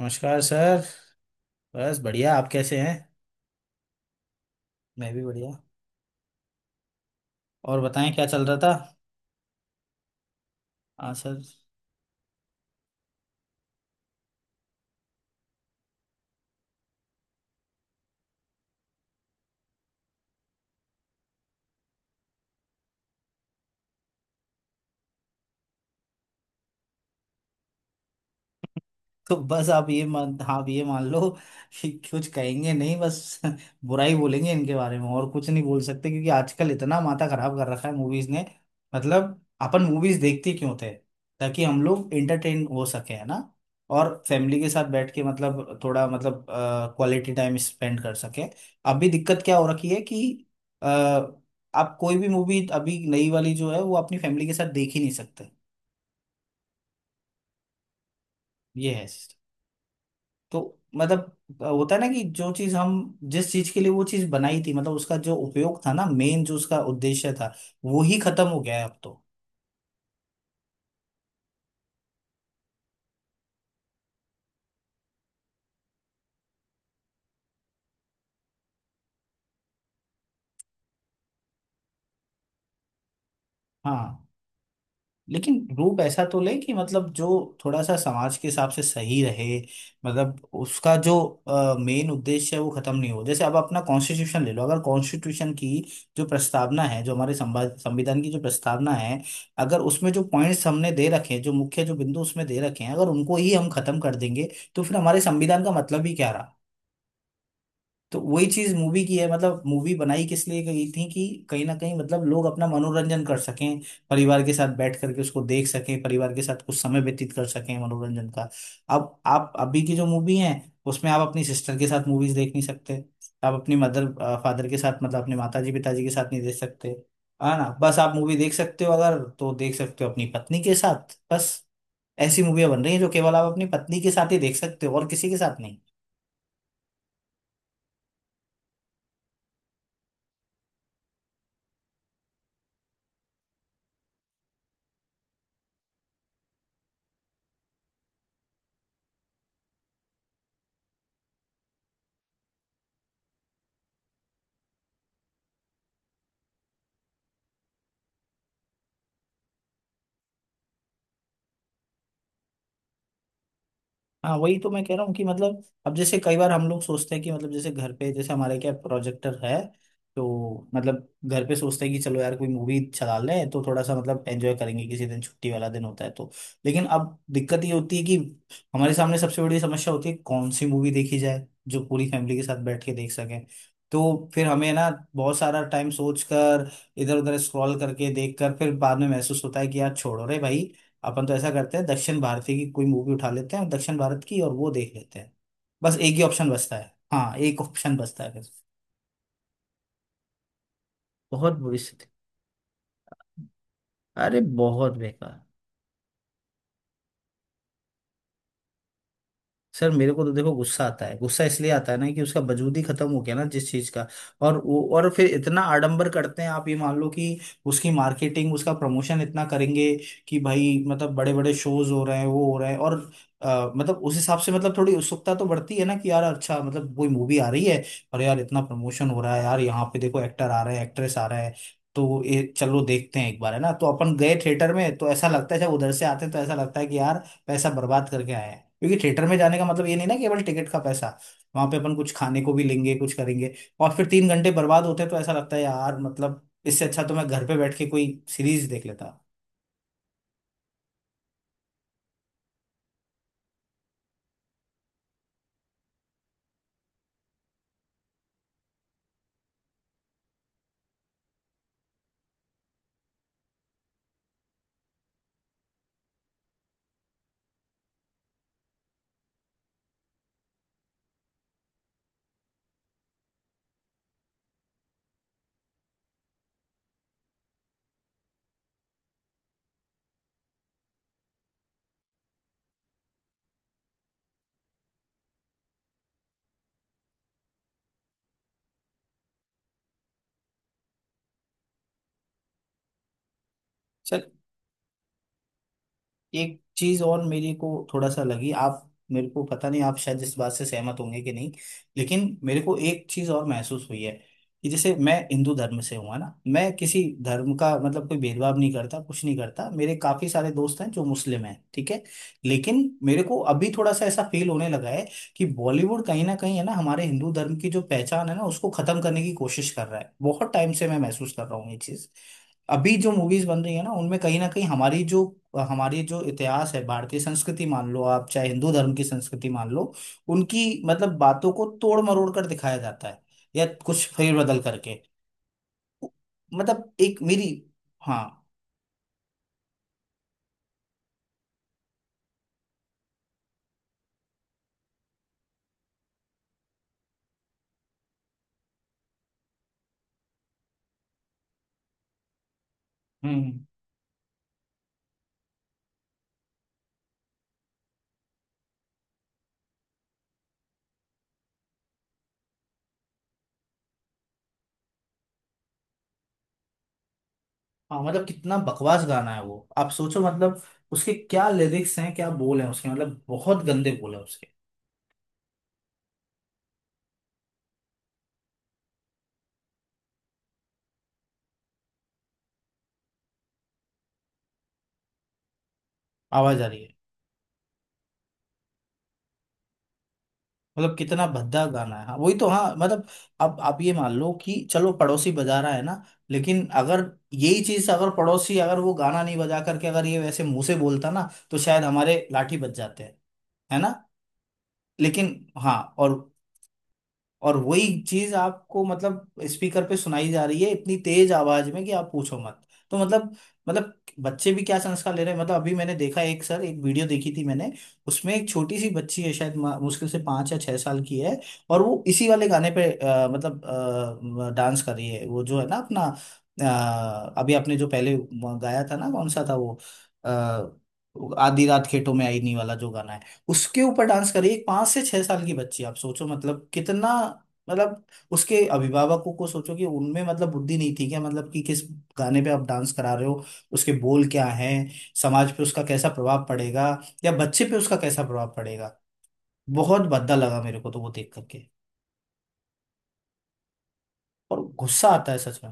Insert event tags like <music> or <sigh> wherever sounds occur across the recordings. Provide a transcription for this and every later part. नमस्कार सर। बस बढ़िया। आप कैसे हैं? मैं भी बढ़िया। और बताएं क्या चल रहा था। हाँ सर। तो बस आप ये मान लो कि कुछ कहेंगे नहीं, बस बुराई बोलेंगे इनके बारे में और कुछ नहीं बोल सकते, क्योंकि आजकल इतना माथा खराब कर रखा है मूवीज ने। मतलब अपन मूवीज देखते क्यों थे? ताकि हम लोग एंटरटेन हो सके है ना? और फैमिली के साथ बैठ के मतलब थोड़ा मतलब क्वालिटी टाइम स्पेंड कर सके अभी दिक्कत क्या हो रखी है कि अ, आप कोई भी मूवी अभी नई वाली जो है वो अपनी फैमिली के साथ देख ही नहीं सकते। ये है। तो मतलब होता है ना कि जो चीज हम जिस चीज के लिए वो चीज बनाई थी, मतलब उसका जो उपयोग था ना, मेन जो उसका उद्देश्य था, वो ही खत्म हो गया है अब तो। हाँ। लेकिन रूप ऐसा तो ले कि मतलब जो थोड़ा सा समाज के हिसाब से सही रहे। मतलब उसका जो मेन उद्देश्य है वो खत्म नहीं हो। जैसे अब अपना कॉन्स्टिट्यूशन ले लो, अगर कॉन्स्टिट्यूशन की जो प्रस्तावना है, जो हमारे संविधान की जो प्रस्तावना है, अगर उसमें जो पॉइंट्स हमने दे रखे हैं, जो मुख्य जो बिंदु उसमें दे रखे हैं, अगर उनको ही हम खत्म कर देंगे तो फिर हमारे संविधान का मतलब ही क्या रहा? तो वही चीज मूवी की है। मतलब मूवी बनाई किस लिए गई थी कि कहीं ना कहीं मतलब लोग अपना मनोरंजन कर सकें, परिवार के साथ बैठ करके उसको देख सकें, परिवार के साथ कुछ समय व्यतीत कर सकें मनोरंजन का। अब आप अभी की जो मूवी है, उसमें आप अपनी सिस्टर के साथ मूवीज देख नहीं सकते। आप अपनी मदर फादर के साथ, मतलब अपने माताजी पिताजी के साथ नहीं देख सकते। है ना? बस आप मूवी देख सकते हो, अगर तो देख सकते हो अपनी पत्नी के साथ बस। ऐसी मूवियां बन रही हैं जो केवल आप अपनी पत्नी के साथ ही देख सकते हो और किसी के साथ नहीं। हाँ, वही तो मैं कह रहा हूँ कि मतलब अब जैसे कई बार हम लोग सोचते हैं कि मतलब जैसे घर पे, जैसे हमारे क्या प्रोजेक्टर है तो मतलब घर पे सोचते हैं कि चलो यार कोई मूवी चला लें तो थोड़ा सा मतलब एंजॉय करेंगे, किसी दिन छुट्टी वाला दिन होता है तो। लेकिन अब दिक्कत ये होती है कि हमारे सामने सबसे बड़ी समस्या होती है कौन सी मूवी देखी जाए जो पूरी फैमिली के साथ बैठ के देख सकें। तो फिर हमें ना बहुत सारा टाइम सोच कर इधर उधर स्क्रॉल करके देख कर फिर बाद में महसूस होता है कि यार छोड़ो रे भाई, अपन तो ऐसा करते हैं, दक्षिण भारतीय की कोई मूवी उठा लेते हैं दक्षिण भारत की और वो देख लेते हैं। बस एक ही ऑप्शन बचता है, हाँ एक ऑप्शन बचता है फिर। बहुत बुरी स्थिति। अरे बहुत बेकार। सर मेरे को तो देखो गुस्सा आता है। गुस्सा इसलिए आता है ना कि उसका वजूद ही खत्म हो गया ना, जिस चीज का। और वो और फिर इतना आडंबर करते हैं, आप ये मान लो कि उसकी मार्केटिंग, उसका प्रमोशन इतना करेंगे कि भाई मतलब बड़े बड़े शोज हो रहे हैं, वो हो रहे हैं और मतलब उस हिसाब से मतलब थोड़ी उत्सुकता तो बढ़ती है ना कि यार अच्छा, मतलब कोई मूवी आ रही है और यार इतना प्रमोशन हो रहा है, यार यहाँ पे देखो एक्टर आ रहे हैं एक्ट्रेस आ रहे हैं। तो ये चलो देखते हैं एक बार, है ना? तो अपन गए थिएटर में तो ऐसा लगता है, जब उधर से आते हैं तो ऐसा लगता है कि यार पैसा बर्बाद करके आए हैं, क्योंकि थिएटर में जाने का मतलब ये नहीं ना, केवल टिकट का पैसा, वहां पे अपन कुछ खाने को भी लेंगे कुछ करेंगे। और फिर तीन घंटे बर्बाद होते हैं तो ऐसा लगता है यार मतलब इससे अच्छा तो मैं घर पे बैठ के कोई सीरीज देख लेता। एक चीज और मेरे को थोड़ा सा लगी, आप, मेरे को पता नहीं आप शायद इस बात से सहमत होंगे कि नहीं, लेकिन मेरे को एक चीज और महसूस हुई है कि जैसे मैं हिंदू धर्म से हूँ, है ना? मैं किसी धर्म का मतलब कोई भेदभाव नहीं करता, कुछ नहीं करता। मेरे काफी सारे दोस्त हैं जो मुस्लिम हैं, ठीक है। लेकिन मेरे को अभी थोड़ा सा ऐसा फील होने लगा है कि बॉलीवुड कहीं ना कहीं है ना हमारे हिंदू धर्म की जो पहचान है ना उसको खत्म करने की कोशिश कर रहा है, बहुत टाइम से मैं महसूस कर रहा हूँ ये चीज। अभी जो मूवीज बन रही है ना उनमें कहीं ना कहीं हमारी जो इतिहास है, भारतीय संस्कृति मान लो आप, चाहे हिंदू धर्म की संस्कृति मान लो, उनकी मतलब बातों को तोड़ मरोड़ कर दिखाया जाता है, या कुछ फेर बदल करके। मतलब एक मेरी। हाँ। हम्म। हाँ। मतलब कितना बकवास गाना है वो, आप सोचो मतलब उसके क्या लिरिक्स हैं, क्या बोल हैं उसके, मतलब बहुत गंदे बोल हैं उसके। आवाज आ रही है। मतलब कितना भद्दा गाना है, हाँ वही तो, हाँ मतलब। अब आप ये मान लो कि चलो पड़ोसी बजा रहा है ना, लेकिन अगर यही चीज अगर पड़ोसी अगर वो गाना नहीं बजा करके अगर ये वैसे मुंह से बोलता ना तो शायद हमारे लाठी बज जाते हैं, है ना? लेकिन हाँ, और वही चीज आपको मतलब स्पीकर पे सुनाई जा रही है इतनी तेज आवाज में कि आप पूछो मत। तो मतलब मतलब बच्चे भी क्या संस्कार ले रहे हैं, मतलब अभी मैंने देखा एक सर, एक वीडियो देखी थी मैंने, उसमें एक छोटी सी बच्ची है शायद मुश्किल से पाँच या छह साल की है। और वो इसी वाले गाने पे मतलब डांस कर रही है, वो जो है ना अपना, अभी आपने जो पहले गाया था ना, कौन सा था वो, आ, आधी रात खेतों में आईनी वाला जो गाना है, उसके ऊपर डांस कर रही है एक पांच से छह साल की बच्ची, आप सोचो मतलब कितना। मतलब उसके अभिभावकों को सोचो कि उनमें मतलब बुद्धि नहीं थी क्या, मतलब कि किस गाने पे आप डांस करा रहे हो? उसके बोल क्या हैं? समाज पे उसका कैसा प्रभाव पड़ेगा या बच्चे पे उसका कैसा प्रभाव पड़ेगा? बहुत भद्दा लगा मेरे को तो वो देख करके, और गुस्सा आता है सच में।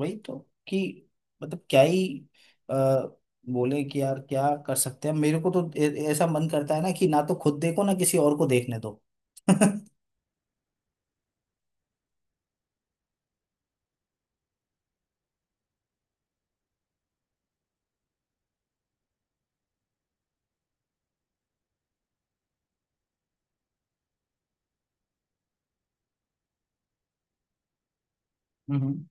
वही तो, कि मतलब क्या ही आ, बोले कि यार क्या कर सकते हैं, मेरे को तो ऐसा मन करता है ना कि ना तो खुद देखो ना किसी और को देखने दो। <laughs> हम्म।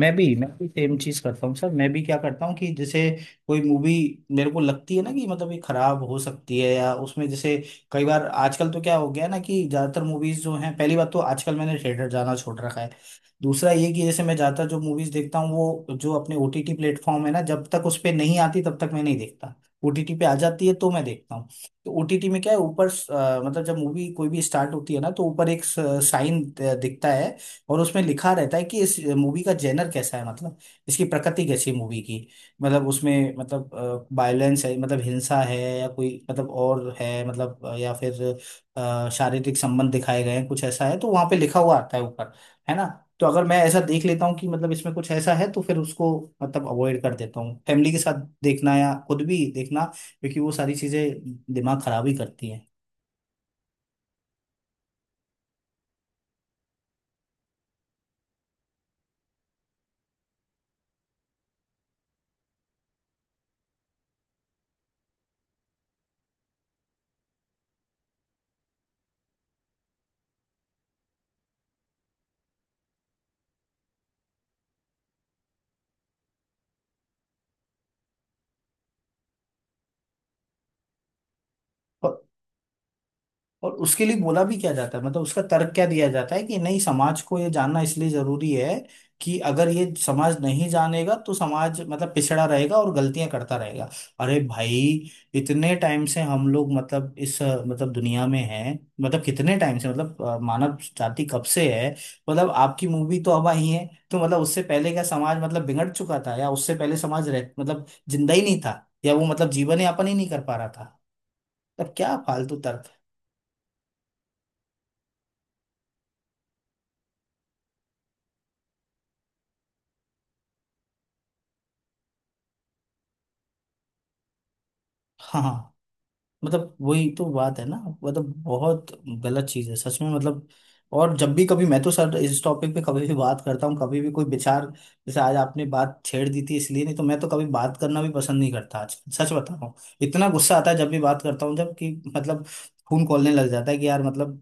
मैं भी सेम चीज करता हूँ सर, मैं भी क्या करता हूँ कि जैसे कोई मूवी मेरे को लगती है ना कि मतलब ये खराब हो सकती है या उसमें जैसे, कई बार आजकल तो क्या हो गया है ना कि ज्यादातर मूवीज जो हैं, पहली बात तो आजकल मैंने थिएटर जाना छोड़ रखा है। दूसरा ये कि जैसे मैं ज्यादातर जो मूवीज देखता हूँ, वो जो अपने ओटीटी प्लेटफॉर्म है ना, जब तक उस पे नहीं आती तब तक मैं नहीं देखता। ओटीटी पे आ जाती है तो मैं देखता हूँ। तो ओटीटी में क्या है, ऊपर मतलब जब मूवी कोई भी स्टार्ट होती है ना तो ऊपर एक साइन दिखता है, और उसमें लिखा रहता है कि इस मूवी का जेनर कैसा है, मतलब इसकी प्रकृति कैसी है मूवी की। मतलब उसमें मतलब वायलेंस है, मतलब हिंसा है, या कोई मतलब और है, मतलब या फिर शारीरिक संबंध दिखाए गए हैं, कुछ ऐसा है तो वहां पे लिखा हुआ आता है ऊपर, है ना? तो अगर मैं ऐसा देख लेता हूँ कि मतलब इसमें कुछ ऐसा है, तो फिर उसको मतलब अवॉइड कर देता हूँ, फैमिली के साथ देखना या खुद भी देखना, क्योंकि वो सारी चीजें दिमाग खराब ही करती हैं। और उसके लिए बोला भी क्या जाता है, मतलब उसका तर्क क्या दिया जाता है कि नहीं समाज को ये जानना इसलिए जरूरी है कि अगर ये समाज नहीं जानेगा तो समाज मतलब पिछड़ा रहेगा और गलतियां करता रहेगा। अरे भाई, इतने टाइम से हम लोग मतलब इस मतलब दुनिया में हैं, मतलब कितने टाइम से, मतलब मानव जाति कब से है। मतलब आपकी मूवी तो अब आई है, तो मतलब उससे पहले क्या समाज मतलब बिगड़ चुका था, या उससे पहले समाज रह मतलब जिंदा ही नहीं था, या वो मतलब जीवन यापन ही नहीं कर पा रहा था? तब क्या फालतू तर्क। हाँ हाँ। मतलब वही तो बात है ना, मतलब बहुत गलत चीज है सच में। मतलब और जब भी कभी मैं तो सर इस टॉपिक पे कभी भी बात करता हूँ, कभी भी कोई विचार, जैसे आज आपने बात छेड़ दी थी, इसलिए, नहीं तो मैं तो कभी बात करना भी पसंद नहीं करता, आज सच बता रहा हूँ। इतना गुस्सा आता है जब भी बात करता हूँ, जब कि मतलब खून खौलने लग जाता है कि यार मतलब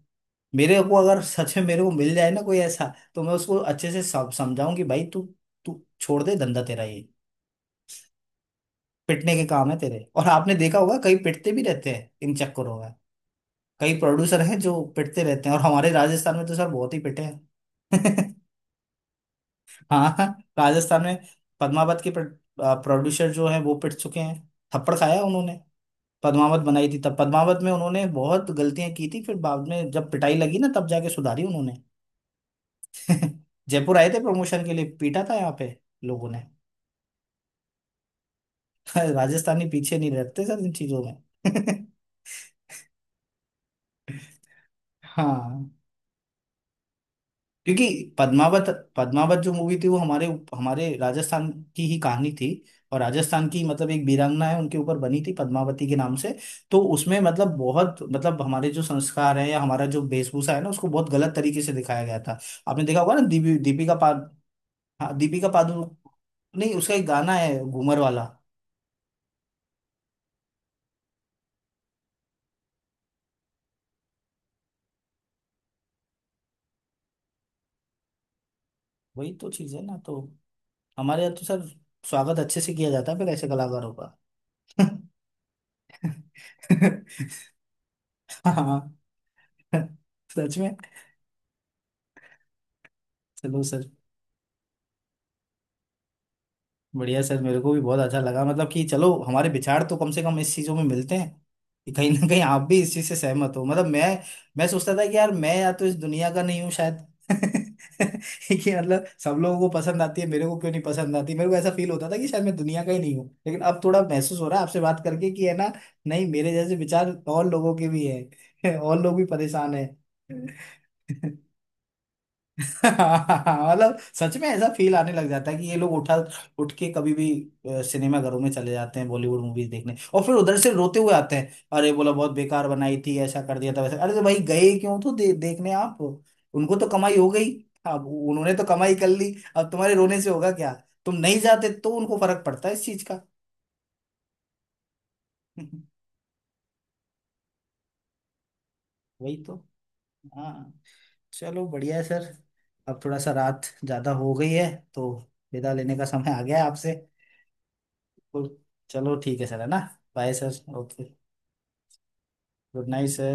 मेरे को अगर सच में मेरे को मिल जाए ना कोई ऐसा, तो मैं उसको अच्छे से समझाऊं कि भाई तू तू छोड़ दे धंधा तेरा ये, पिटने के काम है तेरे। और आपने देखा होगा कई पिटते भी रहते हैं इन चक्करों में। कई प्रोड्यूसर हैं जो पिटते रहते हैं, और हमारे राजस्थान में तो सर बहुत ही पिटे हैं। <laughs> हाँ, राजस्थान में पद्मावत के प्रोड्यूसर जो है वो पिट चुके हैं। थप्पड़ खाया उन्होंने। पद्मावत बनाई थी तब पद्मावत में उन्होंने बहुत गलतियां की थी, फिर बाद में जब पिटाई लगी ना, तब जाके सुधारी उन्होंने। <laughs> जयपुर आए थे प्रमोशन के लिए, पीटा था यहाँ पे लोगों ने। <laughs> राजस्थानी पीछे नहीं रहते सर इन चीजों में। <laughs> हाँ, क्योंकि पद्मावत पद्मावत जो मूवी थी वो हमारे हमारे राजस्थान की ही कहानी थी। और राजस्थान की मतलब एक वीरांगना है, उनके ऊपर बनी थी पद्मावती के नाम से। तो उसमें मतलब बहुत मतलब हमारे जो संस्कार है या हमारा जो वेशभूषा है ना उसको बहुत गलत तरीके से दिखाया गया था। आपने देखा होगा ना दीपी दीपिका पाद, हाँ, दीपिका पादु, नहीं उसका एक गाना है घूमर वाला। वही तो चीज है ना, तो हमारे यहाँ तो सर स्वागत अच्छे से किया जाता है फिर ऐसे कलाकारों का। <laughs> हाँ हाँ, सच में। चलो सर, बढ़िया सर, मेरे को भी बहुत अच्छा लगा, मतलब कि चलो हमारे विचार तो कम से कम इस चीजों में मिलते हैं, कि कहीं ना कहीं आप भी इस चीज से सहमत हो, मतलब मैं सोचता था कि यार मैं या तो इस दुनिया का नहीं हूँ शायद। <laughs> कि मतलब सब लोगों को पसंद आती है, मेरे को क्यों नहीं पसंद आती। मेरे को ऐसा फील होता था कि शायद मैं दुनिया का ही नहीं हूँ, लेकिन अब थोड़ा महसूस हो रहा है आपसे बात करके कि, है ना, नहीं मेरे जैसे विचार और लोगों के भी है। <laughs> और लोग भी परेशान है। <laughs> मतलब सच में ऐसा फील आने लग जाता है कि ये लोग उठा उठ के कभी भी सिनेमा घरों में चले जाते हैं बॉलीवुड मूवीज देखने, और फिर उधर से रोते हुए आते हैं। अरे, बोला बहुत बेकार बनाई थी, ऐसा कर दिया था वैसा। अरे तो भाई गए क्यों तो देखने आप, उनको तो कमाई हो गई। अब उन्होंने तो कमाई कर ली, अब तुम्हारे रोने से होगा क्या? तुम नहीं जाते तो उनको फर्क पड़ता है इस चीज का। <laughs> वही तो। हाँ, चलो बढ़िया है सर। अब थोड़ा सा रात ज्यादा हो गई है, तो विदा लेने का समय आ गया है आपसे। चलो ठीक है सर, है ना? Bye sir. Okay, good night sir.